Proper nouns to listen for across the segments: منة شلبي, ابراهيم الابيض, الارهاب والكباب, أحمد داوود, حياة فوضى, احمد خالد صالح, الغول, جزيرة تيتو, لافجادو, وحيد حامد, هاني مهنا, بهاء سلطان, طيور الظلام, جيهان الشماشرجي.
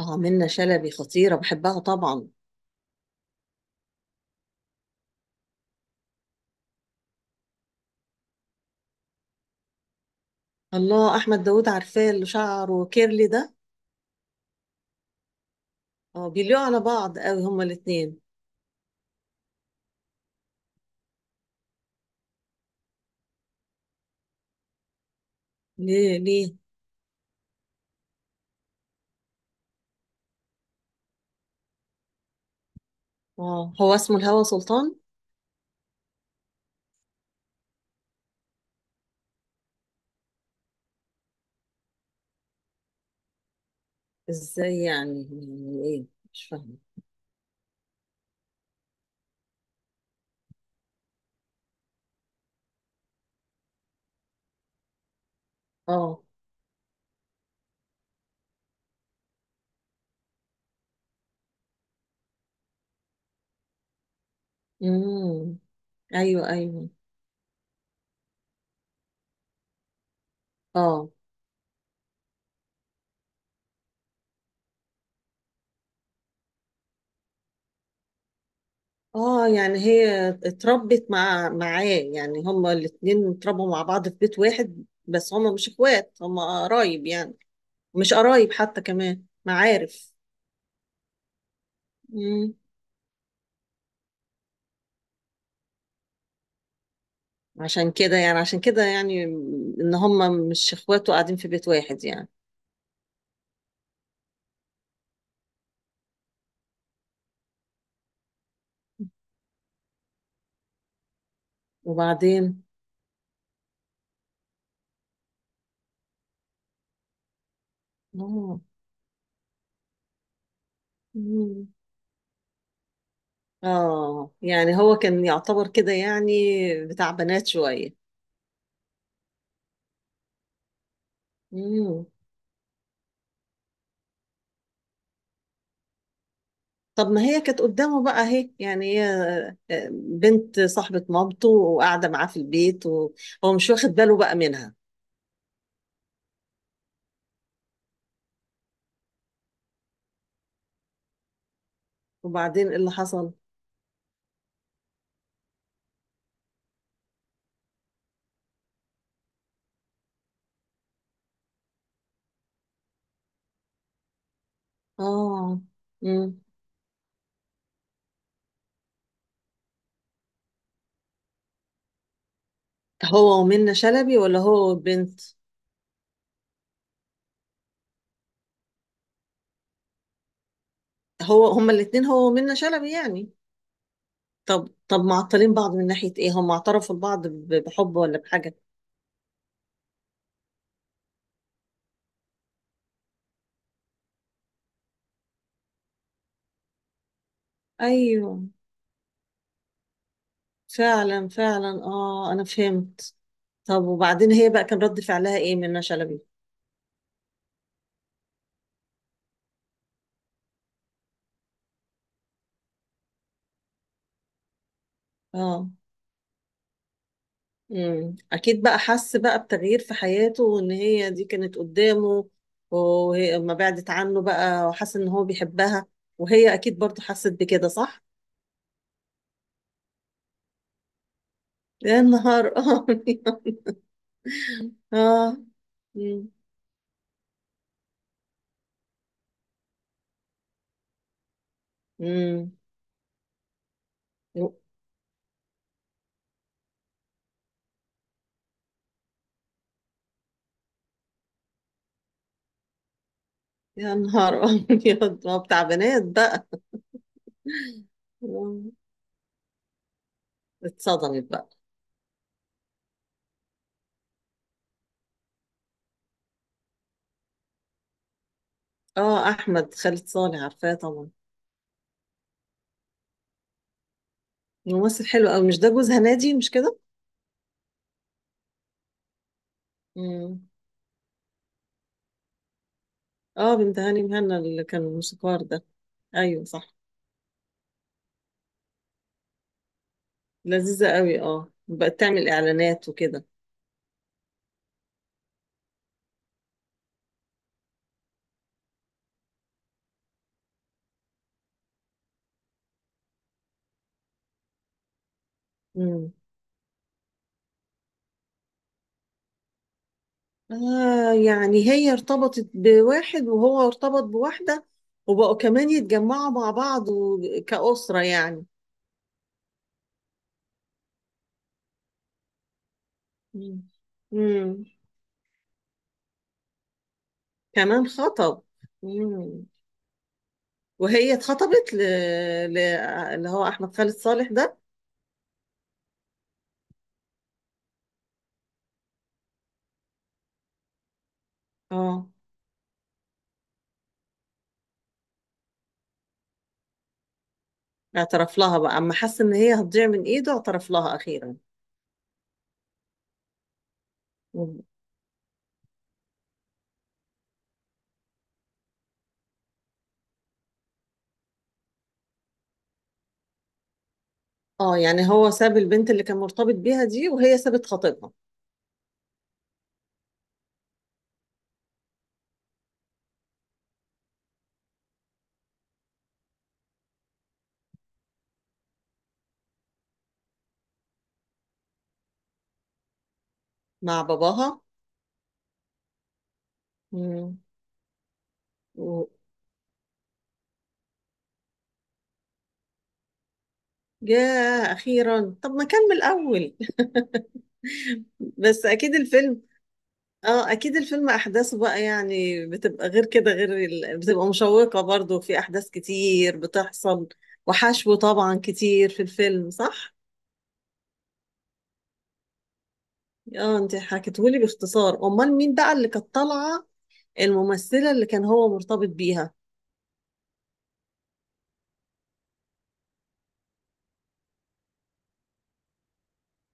اه، منة شلبي خطيرة، بحبها طبعا. الله، أحمد داوود عارفاه اللي شعره كيرلي ده. اه، بيليقوا على بعض قوي هما الاتنين. ليه ليه؟ اه، هو اسمه الهوى سلطان. ازاي يعني؟ يعني ايه؟ مش فاهمة. اه، امم، ايوه، ايوه، اه، اه، يعني هي اتربت معاه يعني هما الاتنين اتربوا مع بعض في بيت واحد، بس هما مش اخوات، هما قرايب يعني. مش قرايب، حتى كمان معارف. عشان كده يعني، ان هم مش اخوات وقاعدين في بيت واحد يعني. وبعدين. اه. مم. اه يعني هو كان يعتبر كده يعني، بتاع بنات شوية. مم. طب ما هي كانت قدامه بقى اهي يعني هي، بنت صاحبة مامته وقاعدة معاه في البيت وهو مش واخد باله بقى منها. وبعدين ايه اللي حصل؟ اه. مم. هو ومنة شلبي ولا هو بنت؟ هو هما الاتنين، هو ومنة شلبي يعني. طب معطلين بعض من ناحية ايه؟ هم اعترفوا لبعض بحب ولا بحاجة؟ ايوه، فعلا فعلا، اه انا فهمت. طب وبعدين هي بقى كان رد فعلها ايه منى شلبي؟ اه. امم، اكيد بقى حس بقى بتغيير في حياته وان هي دي كانت قدامه، وهي لما بعدت عنه بقى وحس ان هو بيحبها. وهي اكيد برضو حست بكده صح. يا نهار ابيض اه. امم. امم. يا نهار ابيض، ما هو بتاع بنات بقى. آه، اتصدمت بقى. اه، احمد خالد صالح عارفاه طبعا. ممثل حلو قوي، مش ده جوز هنادي، مش كده؟ امم. اه، بنت هاني مهنا اللي كان الموسيقار ده. ايوه صح. لذيذة قوي، اه بقت تعمل اعلانات وكده. امم. يعني هي ارتبطت بواحد وهو ارتبط بواحدة، وبقوا كمان يتجمعوا مع بعض كأسرة يعني. امم. امم. كمان خطب. امم. وهي اتخطبت اللي هو احمد خالد صالح ده. اه، اعترف لها بقى اما حس ان هي هتضيع من ايده، اعترف لها اخيرا. اه يعني هو ساب البنت اللي كان مرتبط بيها دي، وهي سابت خطيبها. مع باباها. مم. و... ياه اخيرا، طب ما كان من الاول. بس اكيد الفيلم. اه اكيد الفيلم احداثه بقى يعني بتبقى غير كده، غير ال... بتبقى مشوقة برضو، في احداث كتير بتحصل وحشو طبعا كتير في الفيلم صح. اه انت حكيتهولي باختصار، امال مين بقى اللي كانت طالعه؟ الممثله اللي كان هو مرتبط بيها.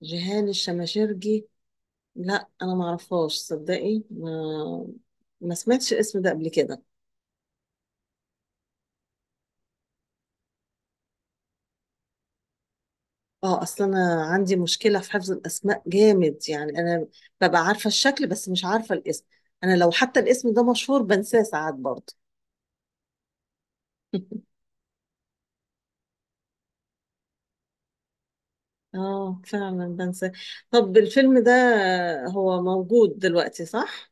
جيهان الشماشرجي. لا انا ما اعرفهاش صدقي، ما سمعتش الاسم ده قبل كده. اه، اصل انا عندي مشكله في حفظ الاسماء جامد يعني، انا ببقى عارفه الشكل بس مش عارفه الاسم. انا لو حتى الاسم ده مشهور بنساه ساعات برضه. اه فعلا بنساه. طب الفيلم ده هو موجود دلوقتي صح؟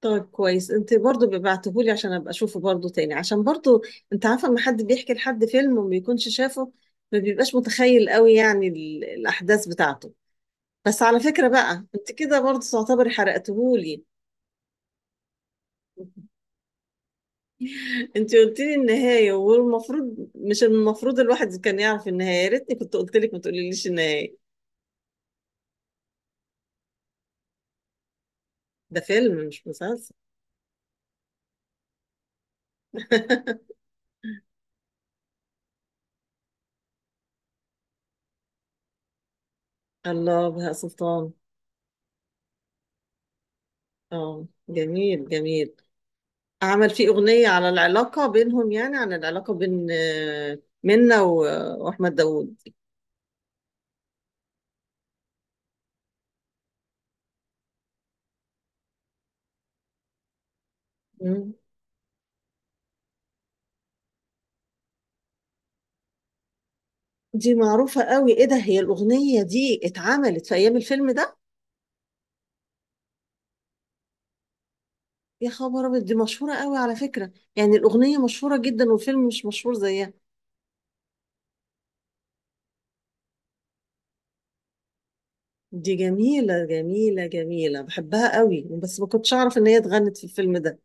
طيب كويس، انت برضو ببعتهولي عشان ابقى اشوفه برضو تاني، عشان برضو انت عارفه لما حد بيحكي لحد فيلم وما بيكونش شافه ما بيبقاش متخيل قوي يعني الاحداث بتاعته. بس على فكره بقى انت كده برضو تعتبري حرقتهولي. انت قلت لي النهايه، والمفروض مش المفروض الواحد كان يعرف النهايه، يا ريتني كنت قلت لك ما تقوليليش النهايه. ده فيلم مش مسلسل. الله بهاء سلطان. اه جميل جميل. عمل فيه أغنية على العلاقة بينهم، يعني عن العلاقة بين منة وأحمد داوود. مم. دي معروفة قوي، إيه ده، هي الأغنية دي اتعملت في أيام الفيلم ده؟ يا خبر أبيض، دي مشهورة قوي على فكرة، يعني الأغنية مشهورة جدا والفيلم مش مشهور زيها. دي جميلة جميلة جميلة بحبها قوي، بس ما كنتش أعرف إن هي اتغنت في الفيلم ده.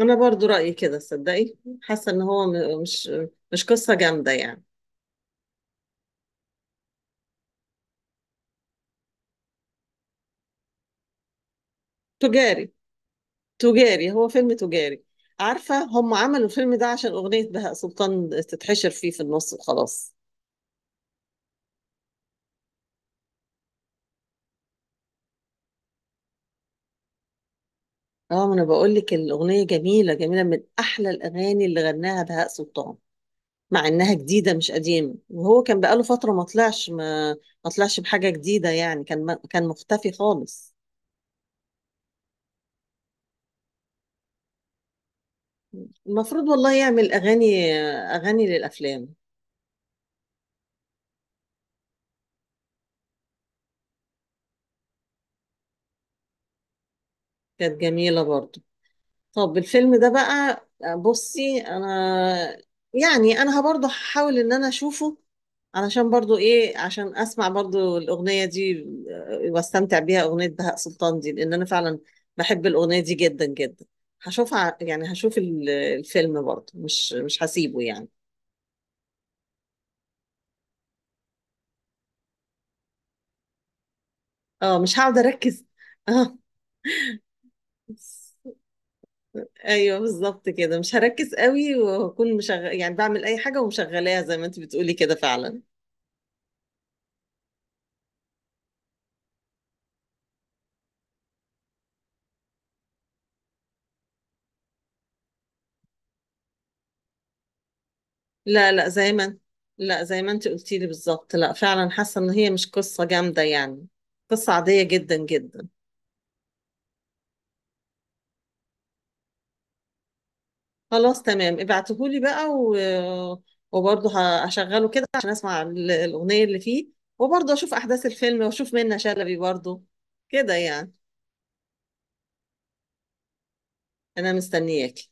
أنا برضو رأيي كده صدقي. حاسة إن هو مش قصة جامدة يعني. تجاري، تجاري، هو فيلم تجاري. عارفة هم عملوا الفيلم ده عشان أغنية بهاء سلطان تتحشر فيه في النص وخلاص. اه، ما انا بقول لك الاغنيه جميله جميله من احلى الاغاني اللي غناها بهاء سلطان. مع انها جديده مش قديمه، وهو كان بقاله فتره ما طلعش بحاجه جديده يعني، كان ما كان مختفي خالص. المفروض والله يعمل اغاني، اغاني للافلام. كانت جميله برضه. طب الفيلم ده بقى، بصي انا يعني انا برضو هحاول ان انا اشوفه علشان برضو ايه، عشان اسمع برضو الاغنيه دي، واستمتع بيها، اغنيه بهاء سلطان دي، لان انا فعلا بحب الاغنيه دي جدا جدا. هشوفها يعني هشوف الفيلم برضو، مش هسيبه يعني. اه مش هقعد اركز اه. ايوه بالظبط كده، مش هركز قوي وهكون مشغل يعني، بعمل اي حاجه ومشغلاها زي ما انت بتقولي كده فعلا. لا، لا زي ما انت- لا زي ما انت قلتي لي بالظبط، لا فعلا حاسه ان هي مش قصه جامده يعني، قصه عاديه جدا جدا. خلاص تمام ابعتهولي بقى وبرضه هشغله كده عشان اسمع الاغنيه اللي فيه، وبرضه اشوف احداث الفيلم واشوف منة شلبي برضه كده يعني. انا مستنياكي.